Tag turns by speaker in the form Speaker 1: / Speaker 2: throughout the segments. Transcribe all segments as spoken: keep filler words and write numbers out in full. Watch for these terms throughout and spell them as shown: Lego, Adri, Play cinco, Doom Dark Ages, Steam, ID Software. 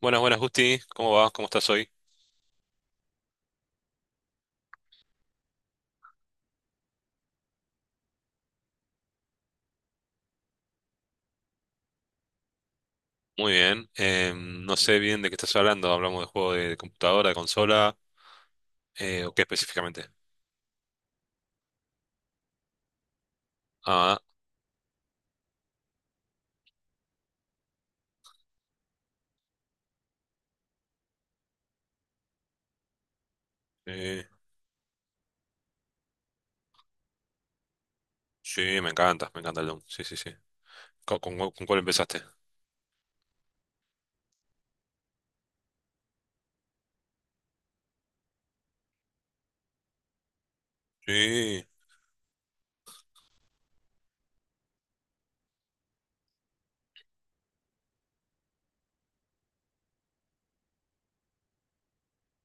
Speaker 1: Buenas, buenas, Justi. ¿Cómo vas? ¿Cómo estás hoy? Muy bien. Eh, no sé bien de qué estás hablando. ¿Hablamos de juego de computadora, de consola? Eh, ¿o qué específicamente? Ah, sí. Sí, me encanta, me encanta el Doom. Sí, sí, sí. ¿Con, con- con cuál empezaste? Sí,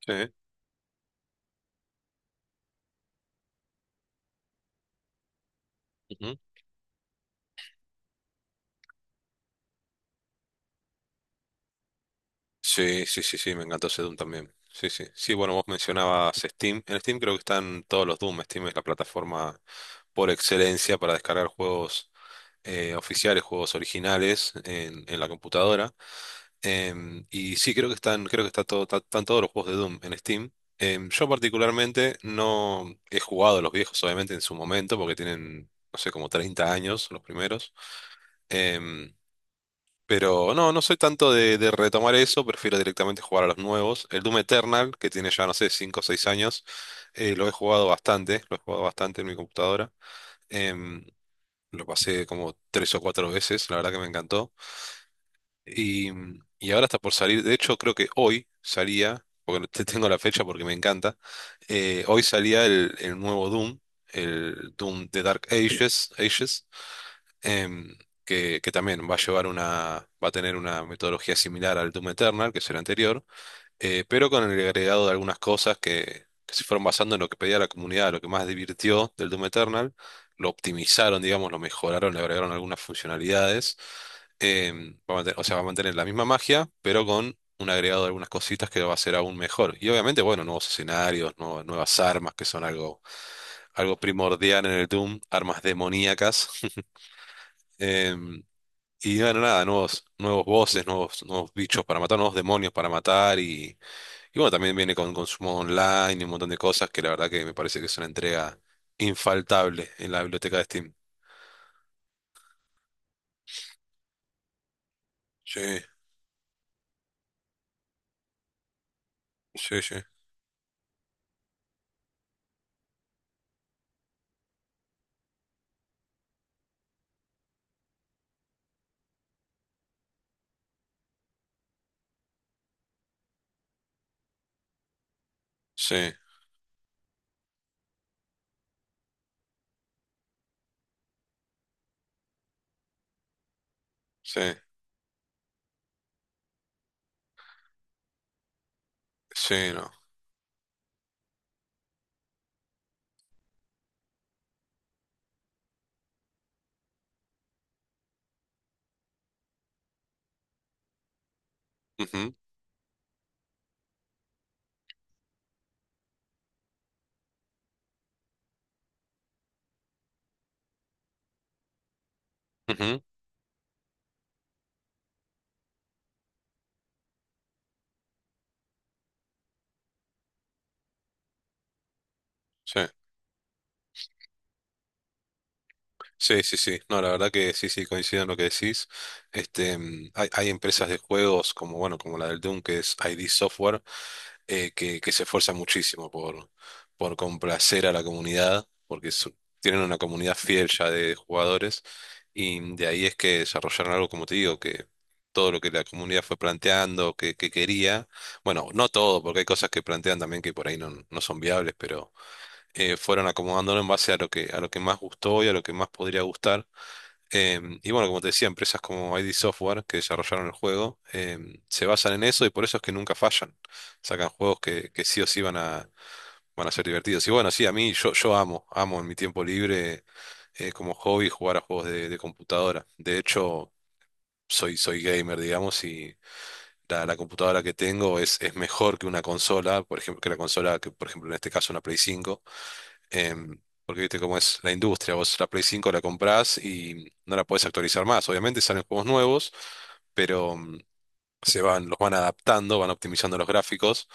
Speaker 1: sí. Ujú. Sí, sí, sí, sí, me encantó ese Doom también. Sí, sí. Sí, bueno, vos mencionabas Steam. En Steam creo que están todos los Doom. Steam es la plataforma por excelencia para descargar juegos eh, oficiales, juegos originales en, en, la computadora. Em, y sí, creo que están, creo que está todo, ta- están todos los juegos de Doom en Steam. Em, yo particularmente no he jugado a los viejos, obviamente, en su momento, porque tienen, no sé, como treinta años los primeros. Em, pero no, no soy tanto de, de retomar eso, prefiero directamente jugar a los nuevos. El Doom Eternal, que tiene ya, no sé, cinco o seis años, eh, lo he jugado bastante, lo he jugado bastante en mi computadora. Em, lo pasé como tres o cuatro veces, la verdad que me encantó. Y, y ahora está por salir, de hecho creo que hoy salía, porque te tengo la fecha porque me encanta, eh, hoy salía el, el nuevo Doom, el Doom de Dark Ages, Ages em, que, que también va a llevar una, va a tener una metodología similar al Doom Eternal, que es el anterior, eh, pero con el agregado de algunas cosas que, que se fueron basando en lo que pedía la comunidad, lo que más divirtió del Doom Eternal, lo optimizaron, digamos, lo mejoraron, le agregaron algunas funcionalidades. Em, va a mantener- o sea, va a mantener la misma magia, pero con un agregado de algunas cositas que lo va a hacer aún mejor. Y obviamente, bueno, nuevos escenarios, nue- nuevas armas, que son algo, algo primordial en el Doom, armas demoníacas. Em, y bueno, nada, nuevos, nuevos bosses, nuevos, nuevos bichos para matar, nuevos demonios para matar y bueno, también viene con consumo online y un montón de cosas que la verdad que me parece que es una entrega infaltable en la biblioteca de Steam. Sí, sí, sí, sí, sí, sí, no. Ujú, ujú, sí. Sí, sí, sí. No, la verdad que sí, sí, coincido en lo que decís. Este, mm, hay, hay empresas de juegos como, bueno, como la del Doom, que es I D Software. eh, que, que se esfuerzan muchísimo por, por complacer a la comunidad, porque su- tienen una comunidad fiel ya de jugadores, y de ahí es que desarrollaron algo, como te digo, que todo lo que la comunidad fue planteando, que, que quería, bueno, no todo, porque hay cosas que plantean también que por ahí no, no son viables, pero eh, fueron acomodándolo en base a lo que, a lo que más gustó y a lo que más podría gustar. Em, y bueno, como te decía, empresas como I D Software, que desarrollaron el juego, em, se basan en eso y por eso es que nunca fallan. Sacan juegos que, que sí o sí van a, van a ser divertidos. Y bueno, sí, a mí yo, yo amo, amo en mi tiempo libre, eh, como hobby jugar a juegos de, de computadora. De hecho, soy, soy gamer, digamos, y la, la computadora que tengo es, es mejor que una consola, por ejemplo, que la consola que, por ejemplo, en este caso una Play cinco, em, porque viste cómo es la industria, vos la Play cinco la comprás y no la podés actualizar más. Obviamente salen juegos nuevos, pero mm, se van, los van adaptando, van optimizando los gráficos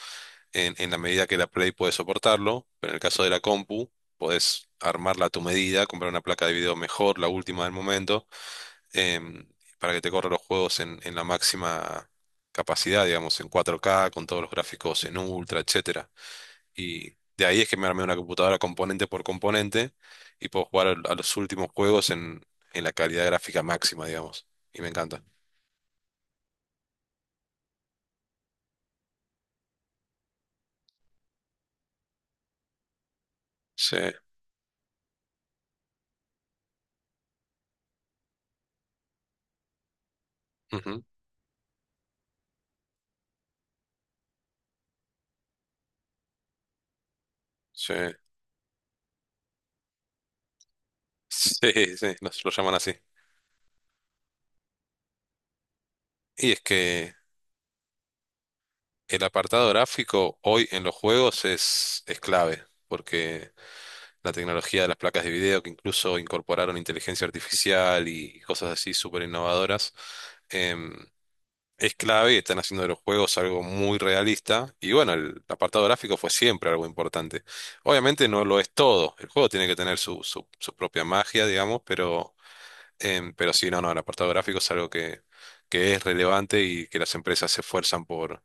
Speaker 1: en, en la medida que la Play puede soportarlo, pero en el caso de la compu, podés armarla a tu medida, comprar una placa de video mejor, la última del momento, em, para que te corra los juegos en, en la máxima capacidad, digamos, en cuatro K, con todos los gráficos en ultra, etcétera. Y de ahí es que me armé una computadora componente por componente y puedo jugar al- a, los últimos juegos en, en la calidad gráfica máxima, digamos. Y me encanta. Sí, ujú, sí, sí, sí, nos lo llaman así. Y es que el apartado gráfico hoy en los juegos es, es clave, porque la tecnología de las placas de video, que incluso incorporaron inteligencia artificial y cosas así súper innovadoras, es clave, están haciendo de los juegos algo muy realista y bueno, el apartado gráfico fue siempre algo importante. Obviamente no lo es todo, el juego tiene que tener su, su, su propia magia, digamos, pero, em, pero sí, no, no, el apartado gráfico es algo que, que es relevante y que las empresas se esfuerzan por,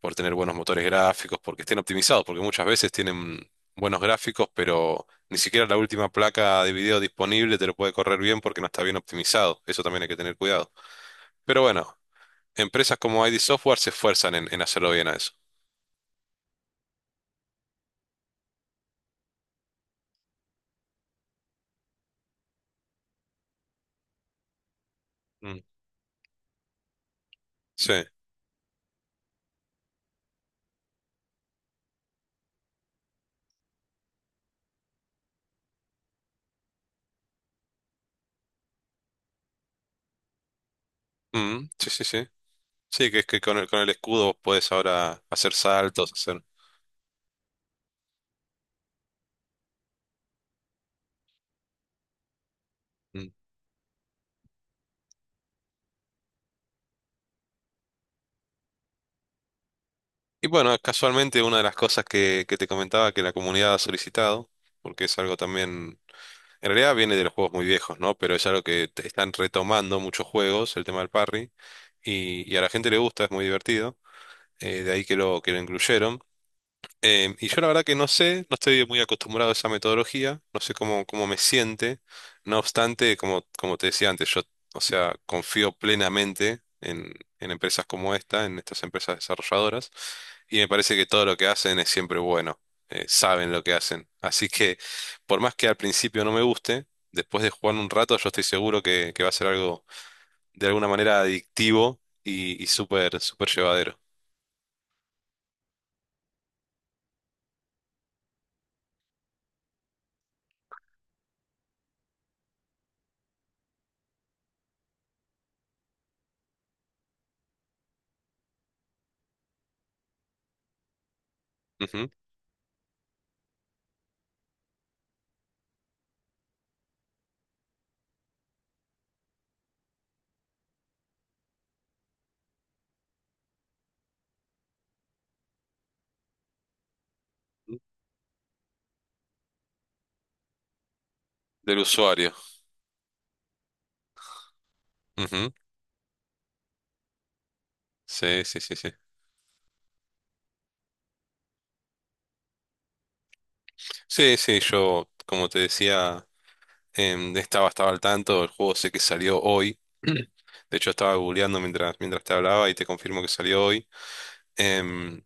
Speaker 1: por tener buenos motores gráficos, porque estén optimizados, porque muchas veces tienen buenos gráficos, pero ni siquiera la última placa de video disponible te lo puede correr bien porque no está bien optimizado, eso también hay que tener cuidado. Pero bueno, empresas como I D Software se esfuerzan en, en hacerlo bien a eso. Mm. Sí. Mm, sí, sí, sí. Sí, que es que con el, con el escudo vos podés ahora hacer saltos, hacer. Mm. Y bueno, casualmente una de las cosas que, que te comentaba que la comunidad ha solicitado, porque es algo también. En realidad viene de los juegos muy viejos, ¿no? Pero es algo que te están retomando muchos juegos, el tema del parry, y, y a la gente le gusta, es muy divertido. Eh, de ahí que lo, que lo incluyeron. Em, y yo la verdad que no sé, no estoy muy acostumbrado a esa metodología, no sé cómo, cómo me siente. No obstante, como, como te decía antes, yo, o sea, confío plenamente en, en empresas como esta, en estas empresas desarrolladoras, y me parece que todo lo que hacen es siempre bueno, eh, saben lo que hacen. Así que, por más que al principio no me guste, después de jugar un rato, yo estoy seguro que, que va a ser algo de alguna manera adictivo y, y súper, súper llevadero. Ujú. Del usuario. Sí, sí, sí, sí. Sí, sí, yo, como te decía, em, estaba, estaba al tanto, el juego sé que salió hoy. De hecho, estaba googleando mientras, mientras te hablaba y te confirmo que salió hoy. Em,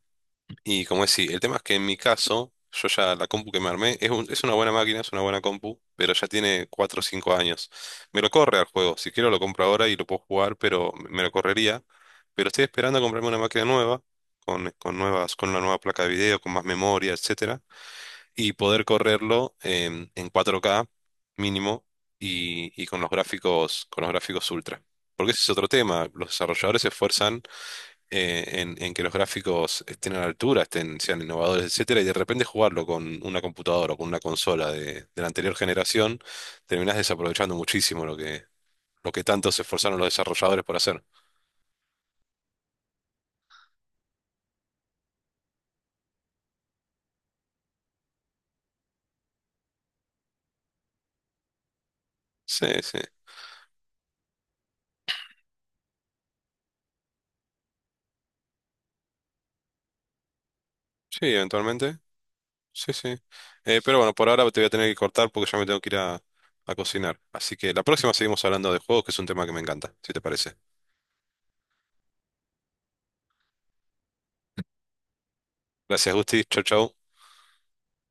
Speaker 1: y como decía, el tema es que en mi caso, yo ya la compu que me armé es, un- es una buena máquina, es una buena compu, pero ya tiene cuatro o cinco años. Me lo corre al juego, si quiero lo compro ahora y lo puedo jugar, pero me lo correría. Pero estoy esperando a comprarme una máquina nueva, con, con nuevas, con una nueva placa de video, con más memoria, etc. y poder correrlo en, en cuatro K mínimo y, y con los gráficos, con los gráficos ultra. Porque ese es otro tema. Los desarrolladores se esfuerzan eh, en, en que los gráficos estén a la altura, estén, sean innovadores, etcétera, y de repente jugarlo con una computadora o con una consola de, de la anterior generación, terminás desaprovechando muchísimo lo que, lo que tanto se esforzaron los desarrolladores por hacer. Sí, sí. Sí, eventualmente. Sí, sí. Eh, pero bueno, por ahora te voy a tener que cortar porque ya me tengo que ir a, a cocinar. Así que la próxima seguimos hablando de juegos, que es un tema que me encanta, si te parece. Gracias, Gusti. Chau, chau.